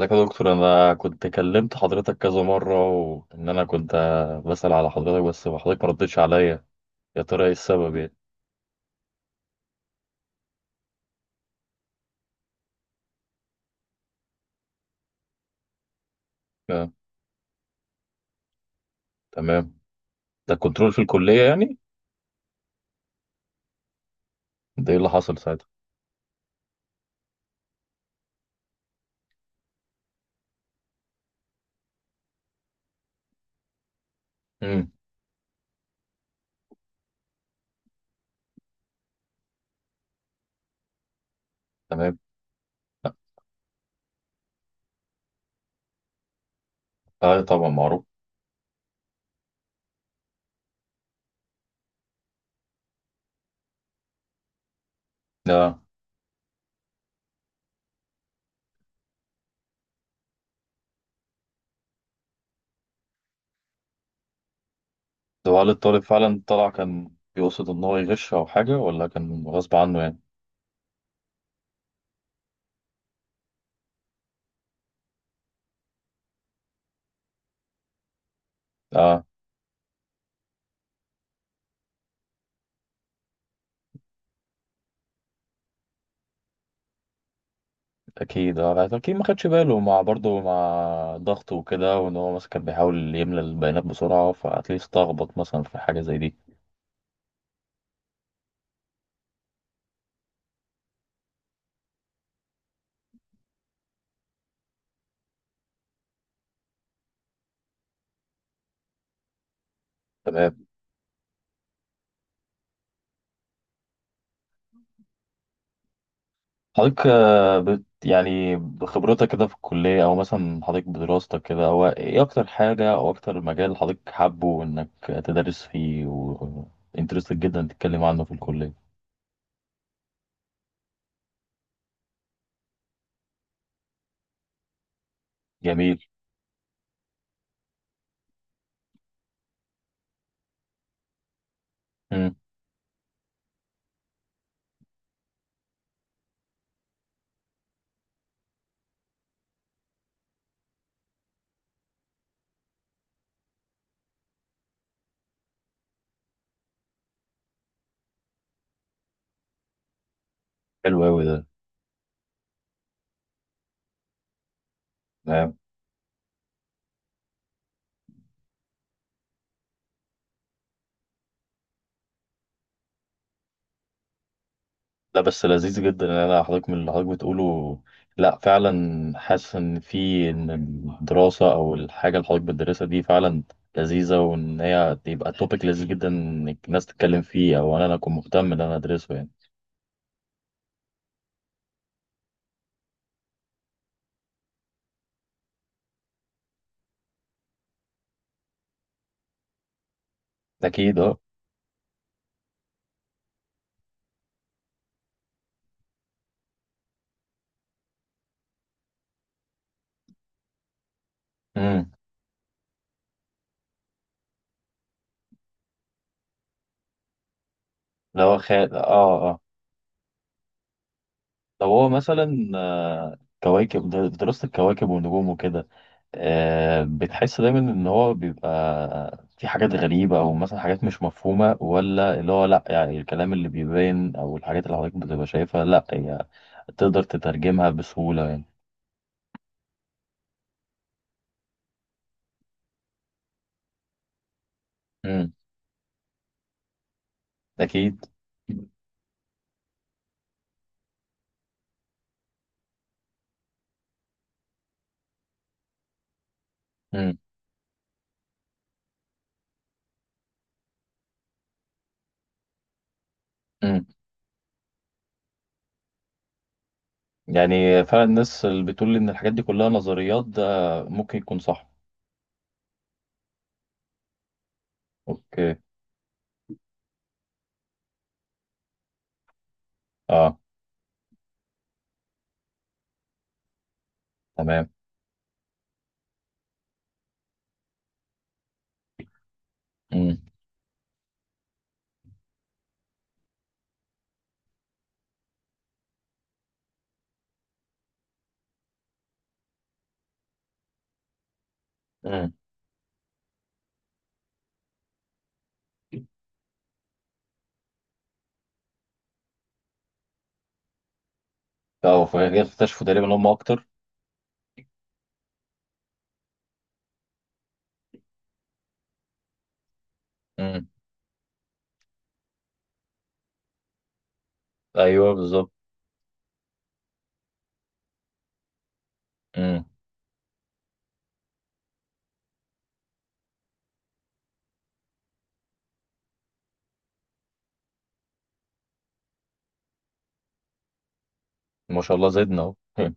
ازيك يا دكتور، انا كنت كلمت حضرتك كذا مره، وان انا كنت بسأل على حضرتك، بس حضرتك ما ردتش عليا. يا ترى ايه السبب يعني؟ آه. تمام. ده كنترول في الكليه يعني؟ ده ايه اللي حصل ساعتها؟ امم. تمام. اه، طبعا معروف. ده ده، هل الطالب فعلا طلع كان بيقصد ان هو يغش او حاجه، ولا كان غصب عنه يعني؟ اه اكيد، اه اكيد ما خدش باله، مع برضه مع ضغط وكده، وان هو مثلا كان بيحاول يملى البيانات بسرعه فاتليست اتلخبط مثلا في حاجه زي دي. تمام. حضرتك، آه، بت يعني بخبرتك كده في الكلية، أو مثلا حضرتك بدراستك كده، هو إيه أكتر حاجة أو أكتر مجال حضرتك حابه إنك تدرس فيه وإنترستد جدا تتكلم عنه في الكلية؟ جميل. مم. حلو أوي ده. تمام. لا، بس لذيذ جدا إن أنا حضرتك من اللي حضرتك بتقوله. لا فعلا حاسس إن في إن الدراسة أو الحاجة اللي حضرتك بتدرسها دي فعلا لذيذة، وإن هي تبقى توبيك لذيذ جدا إنك الناس تتكلم فيه، أو إن أنا أكون مهتم إن أنا أدرسه يعني. أكيد أه. امم. لو خال، اه، اه. طب هو مثلا، كواكب دراسة الكواكب والنجوم وكده، بتحس دايما ان هو بيبقى في حاجات غريبة او مثلا حاجات مش مفهومة، ولا اللي هو لا يعني الكلام اللي بيبان او الحاجات اللي حضرتك بتبقى شايفها لا هي تقدر تترجمها بسهولة يعني؟ امم، اكيد. امم، امم. يعني فعلا الناس اللي بتقول ان الحاجات دي كلها نظريات، ده ممكن يكون صح. اوكي. اه. تمام. امم. اه، فكده اكتشفوا تقريبا ان هم اكتر. امم. ايوه بالظبط. امم. ما شاء الله زدنا اهو.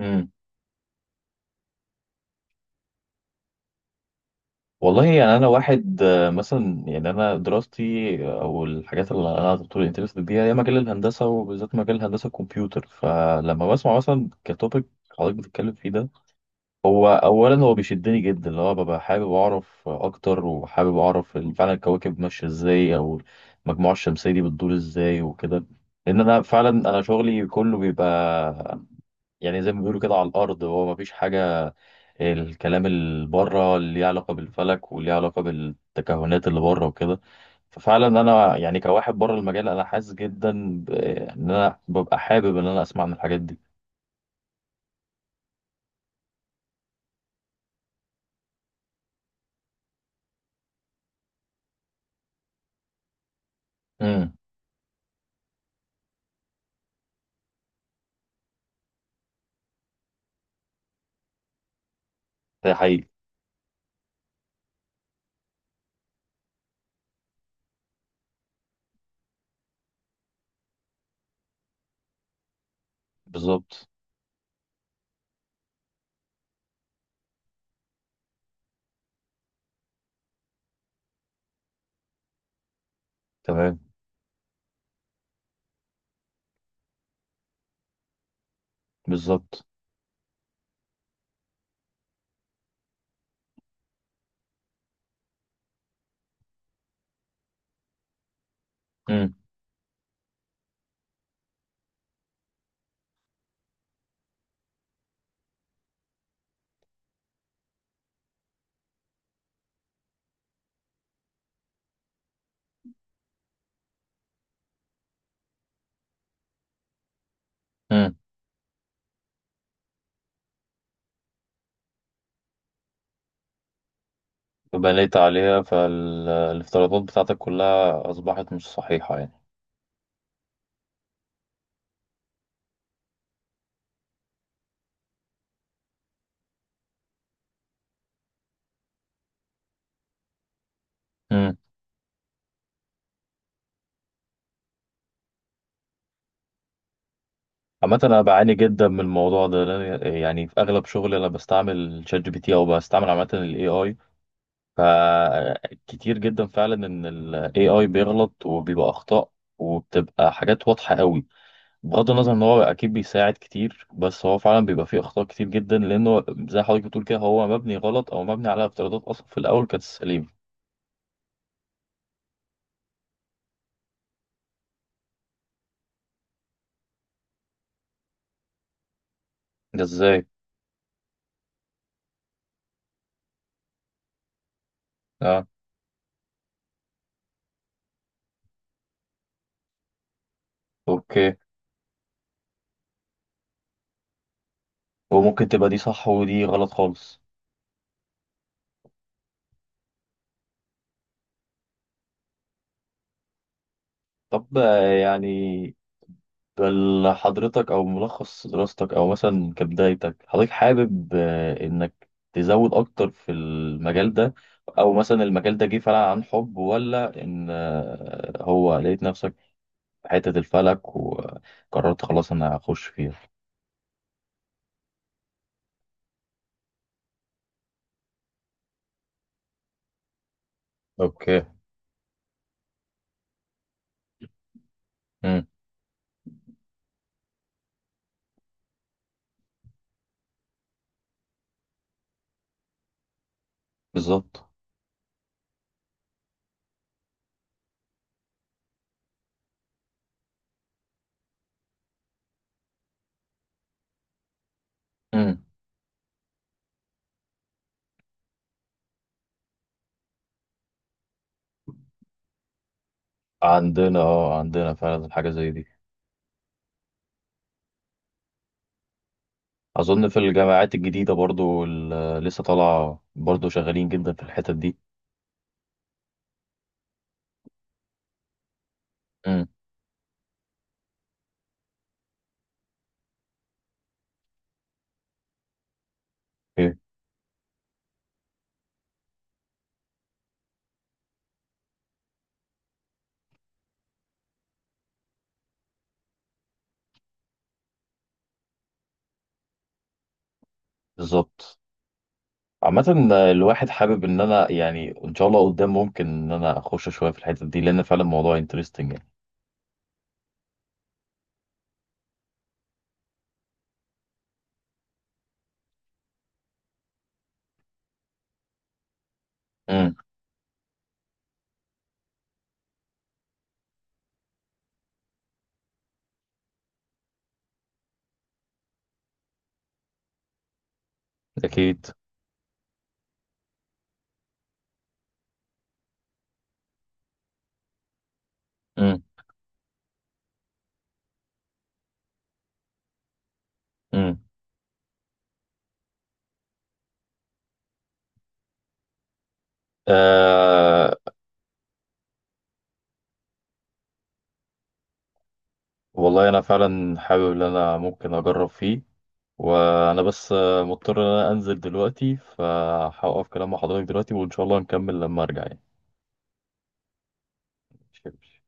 امم. والله، يعني انا واحد، مثلا يعني انا دراستي او الحاجات اللي انا على طول انترست بيها، هي مجال الهندسه، وبالذات مجال هندسه الكمبيوتر. فلما بسمع مثلا كتوبيك حضرتك بتتكلم فيه ده، هو اولا هو بيشدني جدا، اللي هو ببقى حابب اعرف اكتر، وحابب اعرف فعلا الكواكب ماشيه ازاي، او المجموعه الشمسيه دي بتدور ازاي وكده. لان انا فعلا انا شغلي كله بيبقى يعني زي ما بيقولوا كده على الارض، هو ما فيش حاجه. الكلام اللي بره اللي ليه علاقه بالفلك واللي ليه علاقه بالتكهنات اللي بره وكده، ففعلا انا يعني كواحد بره المجال انا حاسس جدا ان انا ببقى حابب ان انا اسمع عن الحاجات دي. امم. ده حقيقي. بالظبط. تمام. بالظبط. امم، امم. بنيت عليها، فالافتراضات بتاعتك كلها اصبحت مش صحيحه. يعني عامة أنا بعاني جدا من الموضوع ده، لأن يعني في أغلب شغلي أنا بستعمل شات جي بي تي، أو بستعمل عامة ال AI، فكتير جدا فعلا إن ال AI بيغلط وبيبقى أخطاء، وبتبقى حاجات واضحة قوي. بغض النظر إن هو أكيد بيساعد كتير، بس هو فعلا بيبقى فيه أخطاء كتير جدا، لأنه زي حضرتك بتقول كده هو مبني غلط، أو مبني على افتراضات أصلا في الأول كانت سليمة. ده إزاي؟ أه. أوكي. وممكن تبقى دي صح، ودي غلط خالص. طب، يعني بل حضرتك، او ملخص دراستك، او مثلا كبدايتك، حضرتك حابب انك تزود اكتر في المجال ده، او مثلا المجال ده جه فعلا عن حب، ولا ان هو لقيت نفسك في حتة الفلك وقررت خلاص انا هخش فيها؟ اوكي. امم. بالظبط. امم. عندنا فعلا حاجة زي دي. اظن في الجامعات الجديدة برضو اللي لسه طالعة برضو شغالين جدا في الحتت دي. امم. ايه بالظبط. عامة، الواحد حابب ان انا يعني ان شاء الله قدام ممكن ان انا اخش شوية في الحتة دي، لان فعلا الموضوع انترستنج يعني. امم، اكيد. امم، امم، آه. والله انا فعلا حابب ان انا ممكن اجرب فيه، وانا بس مضطر ان انا انزل دلوقتي، فهوقف كلام مع حضرتك دلوقتي، وان شاء الله نكمل لما ارجع يعني. ماشي.